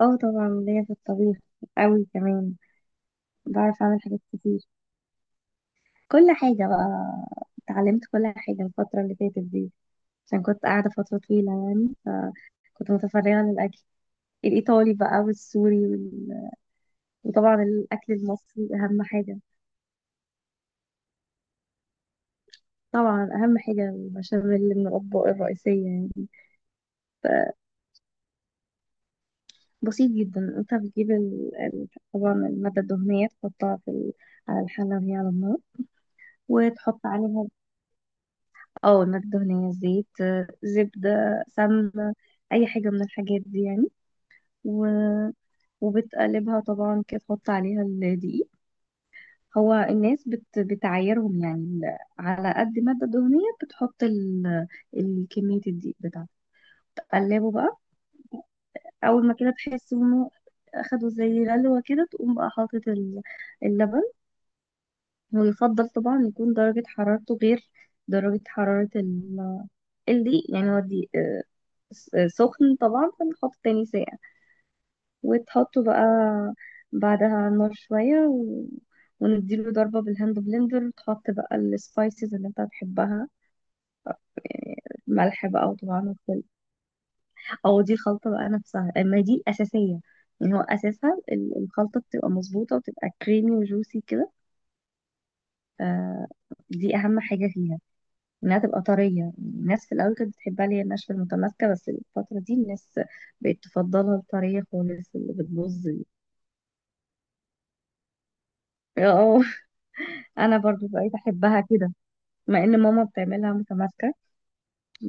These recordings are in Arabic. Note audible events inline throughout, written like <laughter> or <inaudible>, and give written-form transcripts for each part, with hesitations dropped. اه، طبعا ليا في الطبيخ قوي كمان. بعرف اعمل حاجات كتير، كل حاجة بقى. اتعلمت كل حاجة الفترة اللي فاتت دي عشان كنت قاعدة فترة طويلة يعني. فكنت متفرغة للأكل الإيطالي بقى والسوري وطبعا الأكل المصري أهم حاجة. طبعا أهم حاجة البشاميل من الأطباق الرئيسية يعني. بسيط جدا، انت بتجيب طبعا المادة الدهنية تحطها على الحلة وهي على النار، وتحط عليها اه المادة الدهنية، زيت، زبدة، سمنة، أي حاجة من الحاجات دي يعني. و... وبتقلبها طبعا كده، تحط عليها الدقيق. هو الناس بتعايرهم يعني على قد المادة الدهنية بتحط الكمية الدقيق بتاعتها. تقلبه بقى. أول ما كده تحس إنه أخدوا زي غلوة كده، تقوم بقى حاطط اللبن. ويفضل طبعا يكون درجة حرارته غير درجة حرارة الدقيق يعني. هو الدقيق سخن طبعا، فنحط تاني ساقع. وتحطه بقى بعدها على النار شوية ونديله ضربة بالهاند بلندر، وتحط بقى السبايسز اللي انت هتحبها، يعني ملح بقى وطبعا وكل او دي الخلطة بقى نفسها، اما دي الأساسية. يعني هو أساسها الخلطة بتبقى مظبوطة وبتبقى كريمي وجوسي كده. آه، دي أهم حاجة فيها، إنها تبقى طرية. الناس في الأول كانت بتحبها اللي هي الناشفة المتماسكة، بس الفترة دي الناس بقت تفضلها الطرية خالص اللي بتبوظ. اه، انا برضو بقيت احبها كده، مع ان ماما بتعملها متماسكه.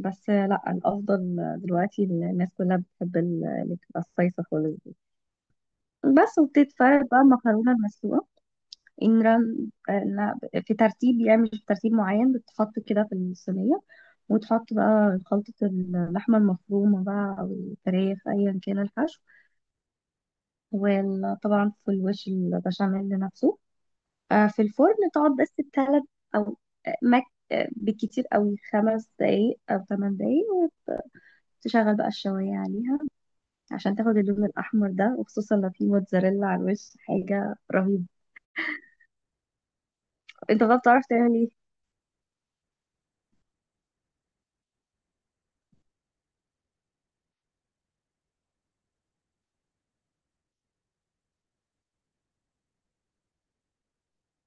بس لا، الافضل دلوقتي الناس كلها بتحب اللي بتبقى الصيصه خالص دي، بس وبتتفرد بقى المكرونه المسلوقه. ان رن إنها في ترتيب يعني، مش في ترتيب معين، بتتحط كده في الصينيه. وتحط بقى خلطه اللحمه المفرومه بقى او الفراخ، ايا كان الحشو. وطبعا في الوش البشاميل نفسه. في الفرن تقعد بس بتلات او آه، مك آه، بالكتير قوي 5 دقايق او 8 دقايق. وتشغل بقى الشوايه عليها عشان تاخد اللون الاحمر ده، وخصوصا لو في موتزاريلا على الوش، حاجه رهيبه. انت بقى بتعرف تعمل ايه؟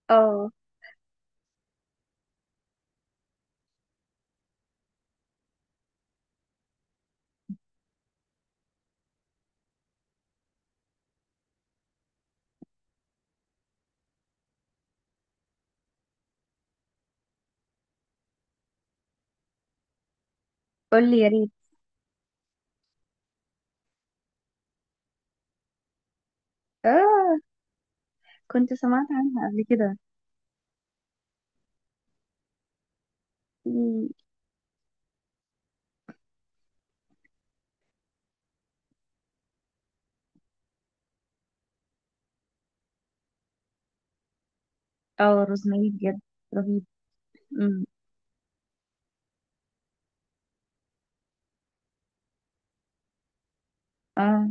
اه، قول لي يا ريت. اه، كنت سمعت عنها قبل كده. مم. اه، روزماري بجد؟ رهيب. مم. اه.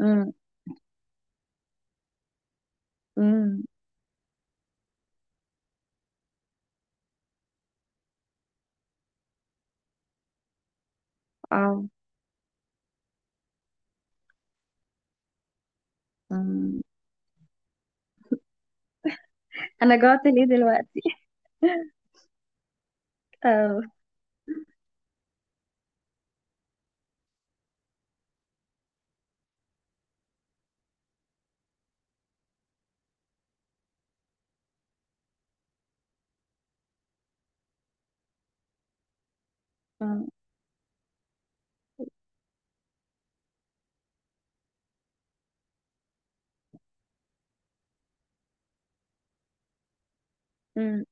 مم. مم. اه. مم. انا جوعت ليه دلوقتي! <laughs> اه. مم.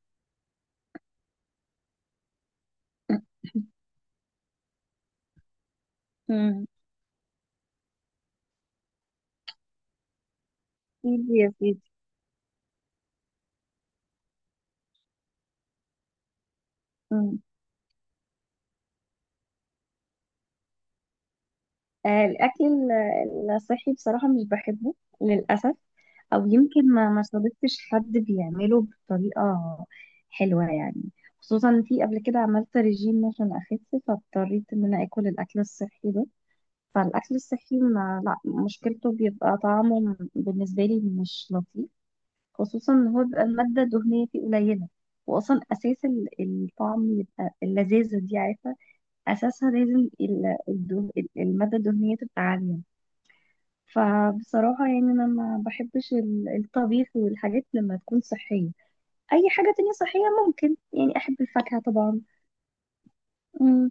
مم. سيدي يا سيدي. أمم. الأكل الصحي بصراحة مش بحبه للأسف. أو يمكن ما صادفتش حد بيعمله بطريقة حلوة يعني. خصوصا في قبل كده عملت ريجيم عشان أخس، فاضطريت إن أنا آكل الأكل الصحي ده. فالأكل الصحي، ما لا، مشكلته بيبقى طعمه بالنسبة لي مش لطيف، خصوصا إن هو بيبقى المادة الدهنية فيه قليلة. وأصلا أساس الطعم يبقى اللذاذة دي، عارفة. اساسها لازم الماده الدهنيه تبقى عاليه. فبصراحه يعني انا ما بحبش الطبيخ والحاجات لما تكون صحيه، اي حاجه تانية صحيه. ممكن يعني احب الفاكهه طبعا. امم.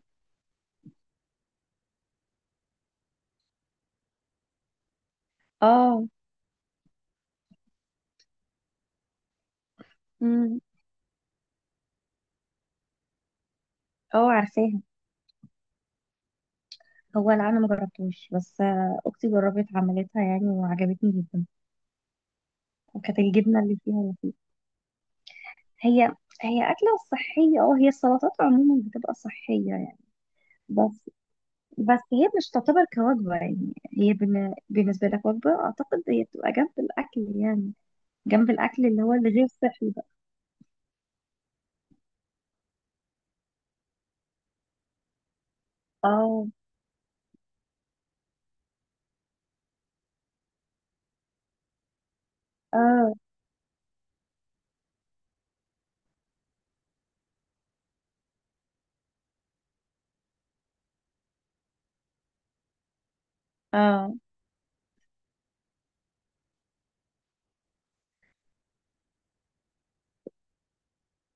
اه. امم. اه، عارفاها. هو اللي انا ما جربتوش، بس اختي جربت عملتها يعني وعجبتني جدا. وكانت الجبنه اللي فيها لطيفة. هي هي اكله صحيه. اه، هي السلطات عموما بتبقى صحيه يعني. بس، بس هي مش تعتبر كوجبة، يعني هي بالنسبة لك وجبة أعتقد. هي بتبقى جنب الأكل يعني، جنب الأكل اللي هو الغير صحي بقى. اه. اه. اه.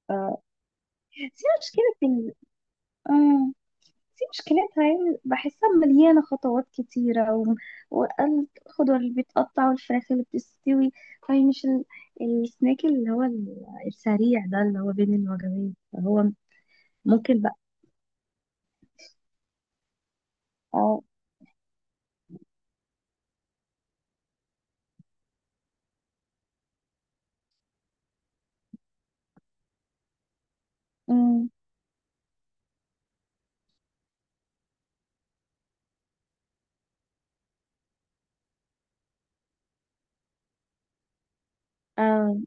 اه. في مشكلة ال... اه في مشكلتها يعني، بحسها مليانة خطوات كتيرة والخضار اللي بيتقطع، والفراخ اللي بتستوي. فهي مش السناك اللي هو السريع ده اللي هو بين الوجبات، فهو ممكن بقى. اه. أمم. اه،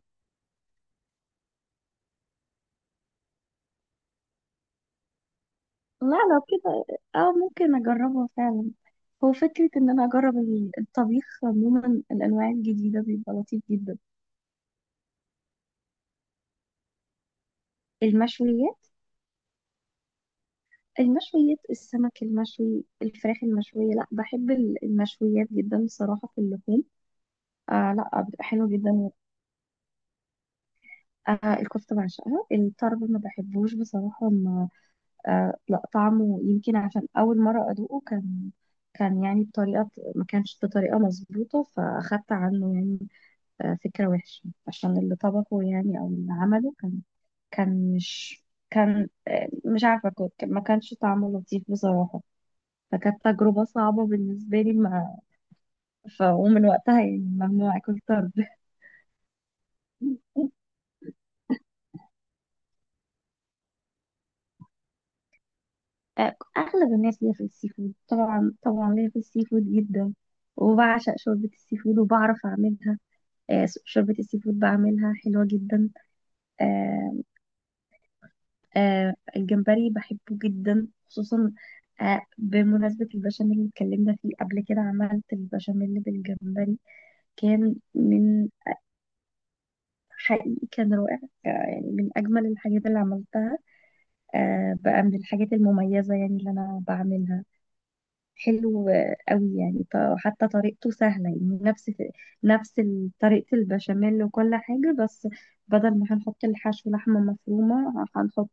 لا لو كده، اه، ممكن اجربه فعلا. هو فكرة ان انا اجرب الطبيخ عموما الانواع الجديدة بيبقى لطيف جدا. المشويات. المشويات، السمك المشوي، الفراخ المشوية. لا، بحب المشويات جدا بصراحة في اللحوم. لا، بتبقى حلوة جدا. الكفتة بعشقها. الطرب ما بحبوش بصراحة. ما، لا، طعمه يمكن عشان اول مرة ادوقه كان يعني بطريقة، ما كانش بطريقة مظبوطة. فأخدت عنه يعني فكرة وحشة، عشان اللي طبخه يعني أو اللي عمله كان، كان مش كان، مش عارفة. كنت، ما كانش طعمه لطيف بصراحة. فكانت تجربة صعبة بالنسبة لي. مع ومن وقتها يعني، ممنوع أكل طرد. <laughs> أغلب الناس ليا في السي فود. طبعا طبعا ليا في السي فود جدا، وبعشق شوربة السي فود وبعرف أعملها. شوربة السي فود بعملها حلوة جدا. آه، الجمبري بحبه جدا، خصوصا بمناسبة البشاميل اللي اتكلمنا فيه قبل كده، عملت البشاميل بالجمبري. كان من حقيقي كان رائع. يعني من أجمل الحاجات اللي عملتها. بقى من الحاجات المميزة يعني اللي أنا بعملها. حلو قوي يعني. وحتى طريقته سهلة يعني، نفس طريقة البشاميل وكل حاجة. بس بدل ما هنحط الحشو لحمة مفرومة، هنحط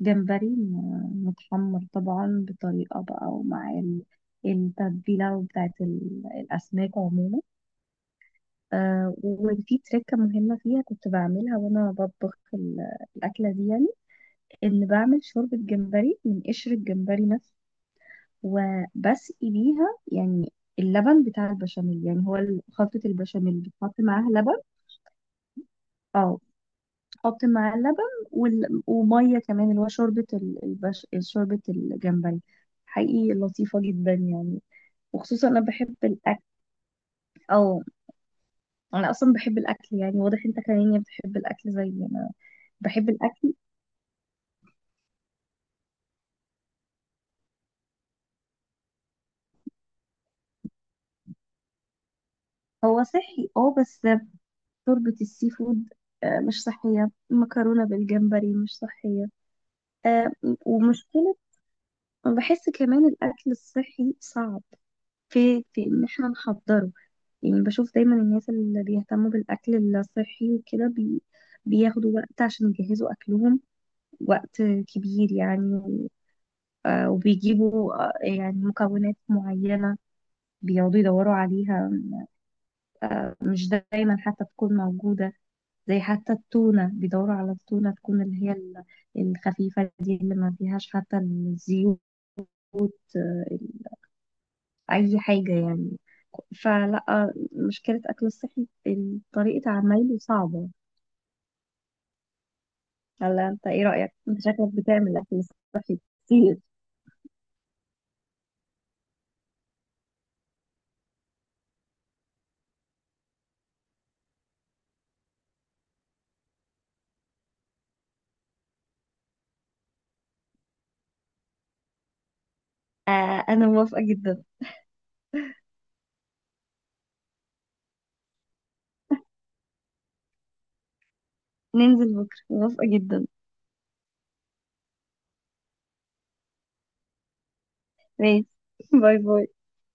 جمبري متحمر طبعا بطريقة بقى، ومع التتبيلة بتاعت الأسماك عموما. وفي تركة مهمة فيها كنت بعملها وأنا بطبخ الأكلة دي يعني، إن بعمل شوربة جمبري من قشر الجمبري نفسه وبسقي بيها يعني اللبن بتاع البشاميل. يعني هو خلطة البشاميل بتحط معاها لبن. اه، تحط معاه اللبن، ومية كمان، اللي هو شوربة شوربة الجمبري. حقيقي لطيفة جدا يعني. وخصوصا او انا اصلا بحب الاكل، يعني واضح انت كمان يعني بتحب الاكل زي انا. بحب الاكل. هو صحي، اه، بس شوربة السي فود مش صحية. المكرونة بالجمبري مش صحية. آه، ومشكلة وبحس كمان الأكل الصحي صعب في إن احنا نحضره. يعني بشوف دايما الناس اللي بيهتموا بالأكل الصحي وكده بياخدوا وقت عشان يجهزوا أكلهم، وقت كبير يعني. وبيجيبوا يعني مكونات معينة، بيقعدوا يدوروا عليها. مش دايما حتى تكون موجودة. زي حتى التونة، بيدوروا على التونة تكون اللي هي الخفيفة دي اللي ما فيهاش حتى الزيوت. آه، اي حاجه يعني. فلا، مشكله اكل الصحي طريقه عمايله صعبه. ولا انت ايه رايك؟ انت شكلك بتعمل اكل كتير. انا موافقه جدا. ننزل بكره موافقه جدا. ماشي. <laughs> باي باي.